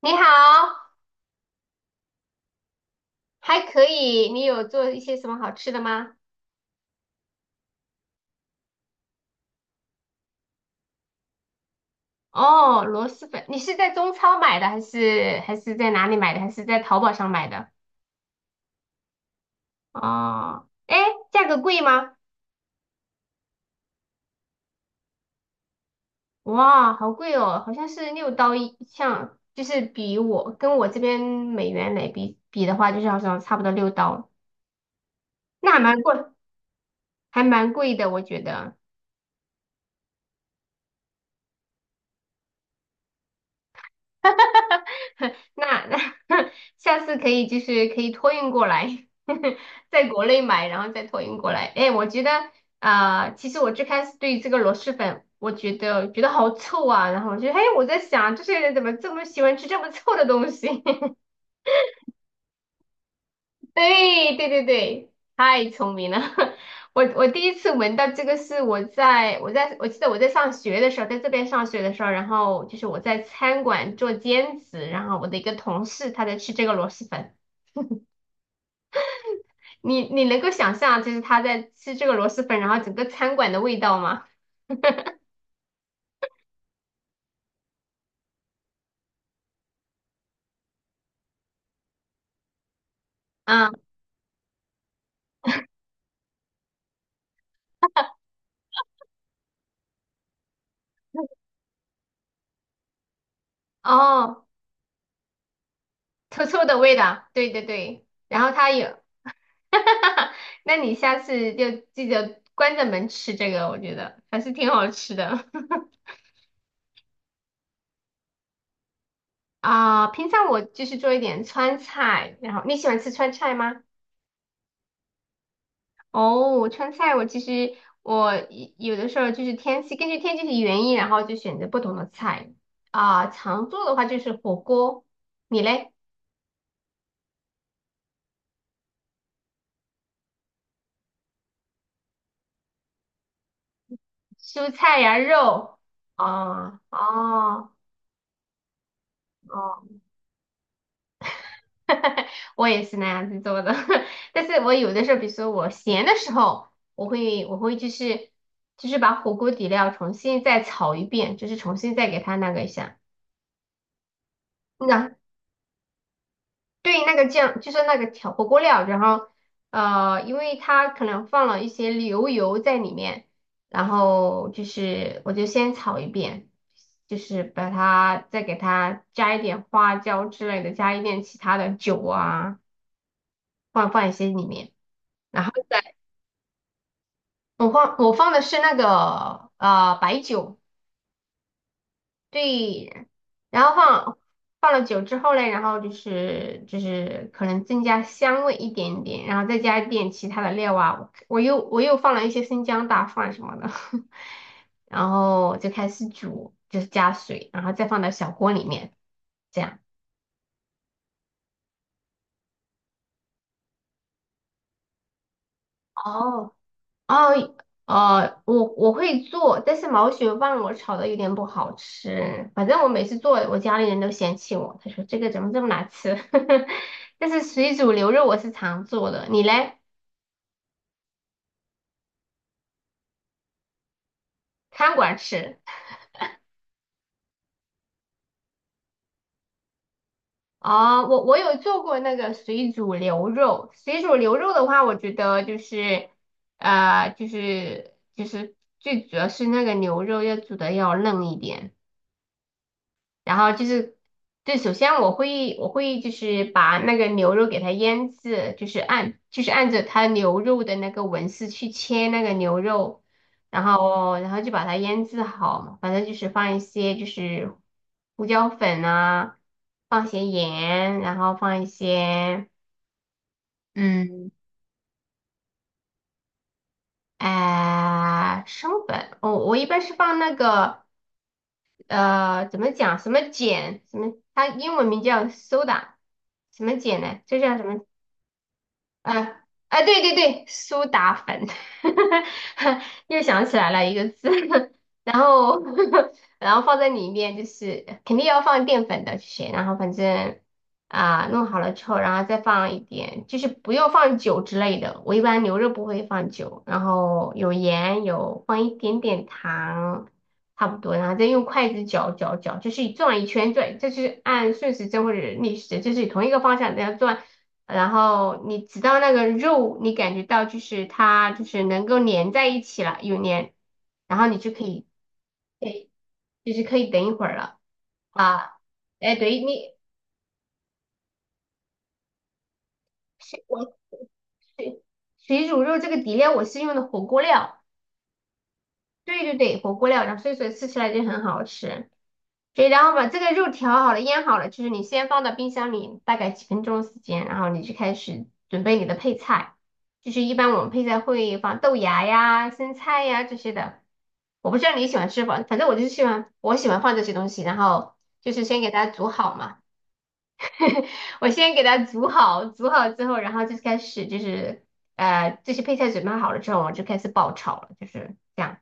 你好，还可以。你有做一些什么好吃的吗？哦，螺蛳粉，你是在中超买的，还是在哪里买的，还是在淘宝上买的？哦，哎，价格贵吗？哇，好贵哦，好像是六刀一像，就是比我跟我这边美元来比的话，就是好像差不多六刀，那还蛮贵，还蛮贵的，我觉得。那那 下次可以就是可以托运过来，在国内买，然后再托运过来。哎，我觉得其实我最开始对这个螺蛳粉，我觉得好臭啊，然后我就哎，我在想这些人怎么这么喜欢吃这么臭的东西？对对对对，太聪明了！我第一次闻到这个是我记得我在上学的时候，在这边上学的时候，然后就是我在餐馆做兼职，然后我的一个同事他在吃这个螺蛳粉。你能够想象，就是他在吃这个螺蛳粉，然后整个餐馆的味道吗？啊哦，臭臭的味道，对对对。然后他有，那你下次就记得关着门吃这个，我觉得还是挺好吃的。 啊。平常我就是做一点川菜，然后你喜欢吃川菜吗？哦，川菜我其实我一有的时候就是天气，根据天气的原因，然后就选择不同的菜。啊。常做的话就是火锅，你嘞？蔬菜呀、肉，哦哦哦，我也是那样子做的，但是我有的时候，比如说我闲的时候，我会就是把火锅底料重新再炒一遍，就是重新再给它那个一下。那。对，那个酱就是那个调火锅料，然后呃，因为它可能放了一些牛油在里面，然后就是我就先炒一遍，就是把它再给它加一点花椒之类的，加一点其他的酒啊，放一些里面，然后再我放我放的是那个白酒。对，然后放了酒之后嘞，然后就是可能增加香味一点点，然后再加一点其他的料啊，我又放了一些生姜大蒜什么的，然后就开始煮，就是加水，然后再放到小锅里面，这样。哦，哦，呃，我我会做，但是毛血旺我炒的有点不好吃。反正我每次做，我家里人都嫌弃我，他说这个怎么这么难吃。但是水煮牛肉我是常做的，你嘞？餐馆吃？哦，我我有做过那个水煮牛肉。水煮牛肉的话，我觉得就是，呃，就是最主要是那个牛肉要煮的要嫩一点。然后就是，对，首先我会就是把那个牛肉给它腌制，就是按着它牛肉的那个纹丝去切那个牛肉，然后就把它腌制好嘛，反正就是放一些就是胡椒粉啊，放些盐，然后放一些嗯哎、生粉，我一般是放那个。呃，怎么讲？什么碱？什么？它英文名叫 soda，什么碱呢？这叫什么啊啊，对对对，苏打粉，又想起来了一个字，然后 然后放在里面，就是肯定要放淀粉的，这些，然后反正啊、弄好了之后，然后再放一点，就是不用放酒之类的，我一般牛肉不会放酒，然后有盐，有放一点点糖，差不多，然后再用筷子搅搅搅，就是转一圈转，就是按顺时针或者逆时针，就是同一个方向这样转。然后你直到那个肉，你感觉到它就是能够粘在一起了，有粘，然后你就可以，对，就是可以等一会儿了。啊。哎，对你水我水水煮肉这个底料我是用的火锅料。对对对，火锅料，然后所以说吃起来就很好吃。所以然后把这个肉调好了、腌好了，就是你先放到冰箱里大概几分钟时间，然后你就开始准备你的配菜。就是一般我们配菜会放豆芽呀、生菜呀这些的。我不知道你喜欢吃不，反正我就是喜欢，我喜欢放这些东西，然后就是先给它煮好嘛。我先给它煮好，煮好之后，然后就开始就是呃这些配菜准备好了之后，我就开始爆炒了，就是这样。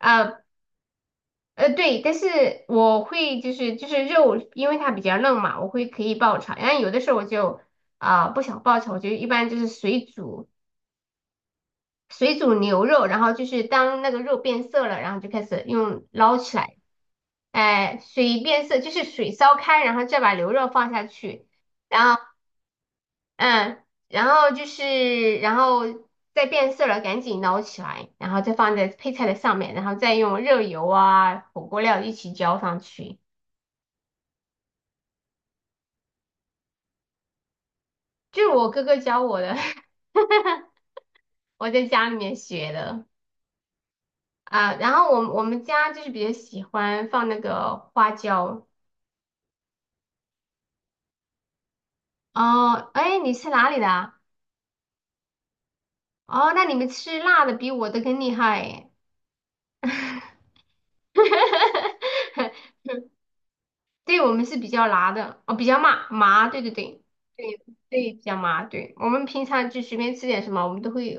啊。呃，对，但是我会就是肉，因为它比较嫩嘛，我会可以爆炒。然后有的时候我就啊、不想爆炒，我就一般就是水煮牛肉，然后就是当那个肉变色了，然后就开始用捞起来，哎、水变色就是水烧开，然后再把牛肉放下去，然后嗯，然后就是然后再变色了，赶紧捞起来，然后再放在配菜的上面，然后再用热油啊火锅料一起浇上去。就是我哥哥教我的，我在家里面学的。啊。然后我们家就是比较喜欢放那个花椒。哦，哎，你是哪里的啊？哦，那你们吃辣的比我的更厉害耶。对，我们是比较辣的，哦，比较麻麻，对对对，对对，比较麻。对，我们平常就随便吃点什么，我们都会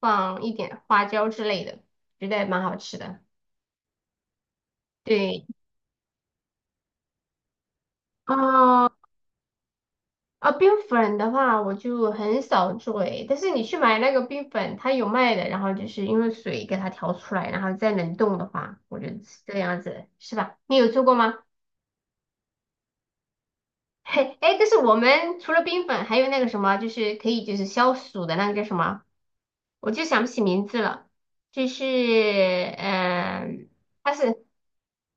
放一点花椒之类的，觉得蛮好吃的。对，哦，啊，冰粉的话我就很少做诶，但是你去买那个冰粉，它有卖的，然后就是因为水给它调出来，然后再冷冻的话，我觉得是这样子，是吧？你有做过吗？嘿，哎，但是我们除了冰粉，还有那个什么，就是可以就是消暑的那个叫什么，我就想不起名字了，就是嗯、它是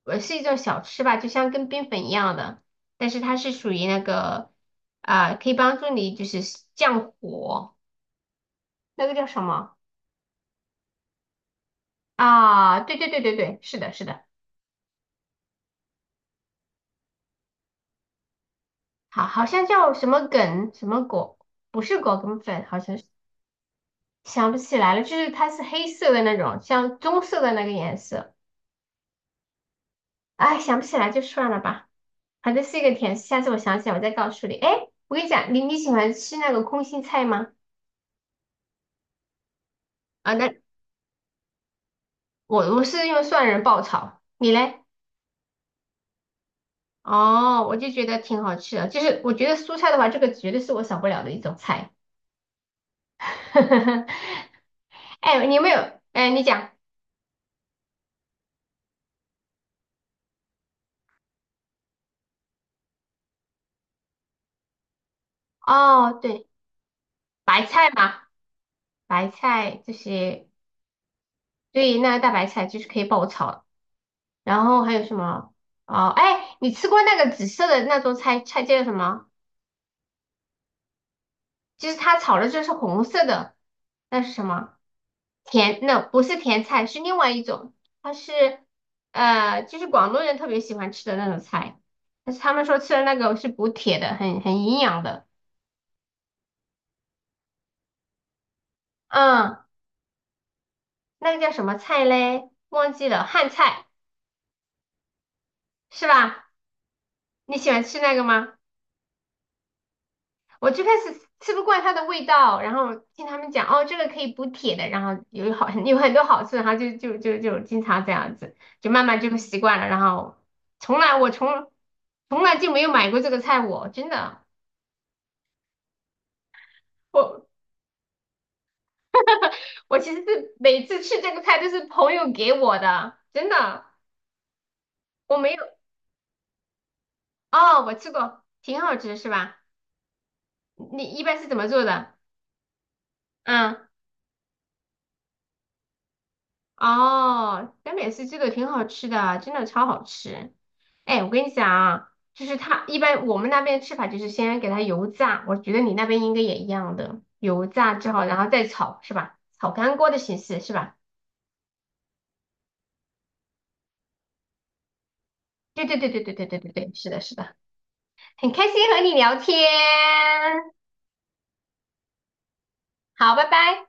呃是一种小吃吧，就像跟冰粉一样的，但是它是属于那个啊、可以帮助你就是降火。那个叫什么啊？对对对对对，是的，是的，好，好像叫什么梗什么果，不是果梗粉，好像是想不起来了，就是它是黑色的那种，像棕色的那个颜色。哎，想不起来就算了吧，反正是一个甜食下次我想起来我再告诉你。哎，我跟你讲，你喜欢吃那个空心菜吗？啊，那我是用蒜仁爆炒，你嘞？哦，我就觉得挺好吃的，就是我觉得蔬菜的话，这个绝对是我少不了的一种菜。哎，你有没有？哎，你讲哦，对，白菜嘛，白菜这些，对，那个大白菜就是可以爆炒。然后还有什么？哦，哎，你吃过那个紫色的那种菜菜叫什么？就是它炒的就是红色的，那是什么？甜，那不是甜菜，是另外一种，它是呃，就是广东人特别喜欢吃的那种菜，但是他们说吃的那个是补铁的，很营养的。嗯，那个叫什么菜嘞？忘记了，汉菜。是吧？你喜欢吃那个吗？我最开始吃不惯它的味道，然后听他们讲，哦，这个可以补铁的，然后有好 有很多好处，然后就经常这样子，就慢慢就会习惯了，然后从来我从从来就没有买过这个菜，我真的，我我其实是每次吃这个菜都是朋友给我的，真的，我没有，哦，我吃过，挺好吃是吧？你一般是怎么做的？嗯哦，南美式这个挺好吃的，真的超好吃。哎，我跟你讲啊，就是它一般我们那边吃法就是先给它油炸，我觉得你那边应该也一样的，油炸之后然后再炒是吧？炒干锅的形式是吧？对对对对对对对对对，是的，是的，很开心和你聊天，好，拜拜。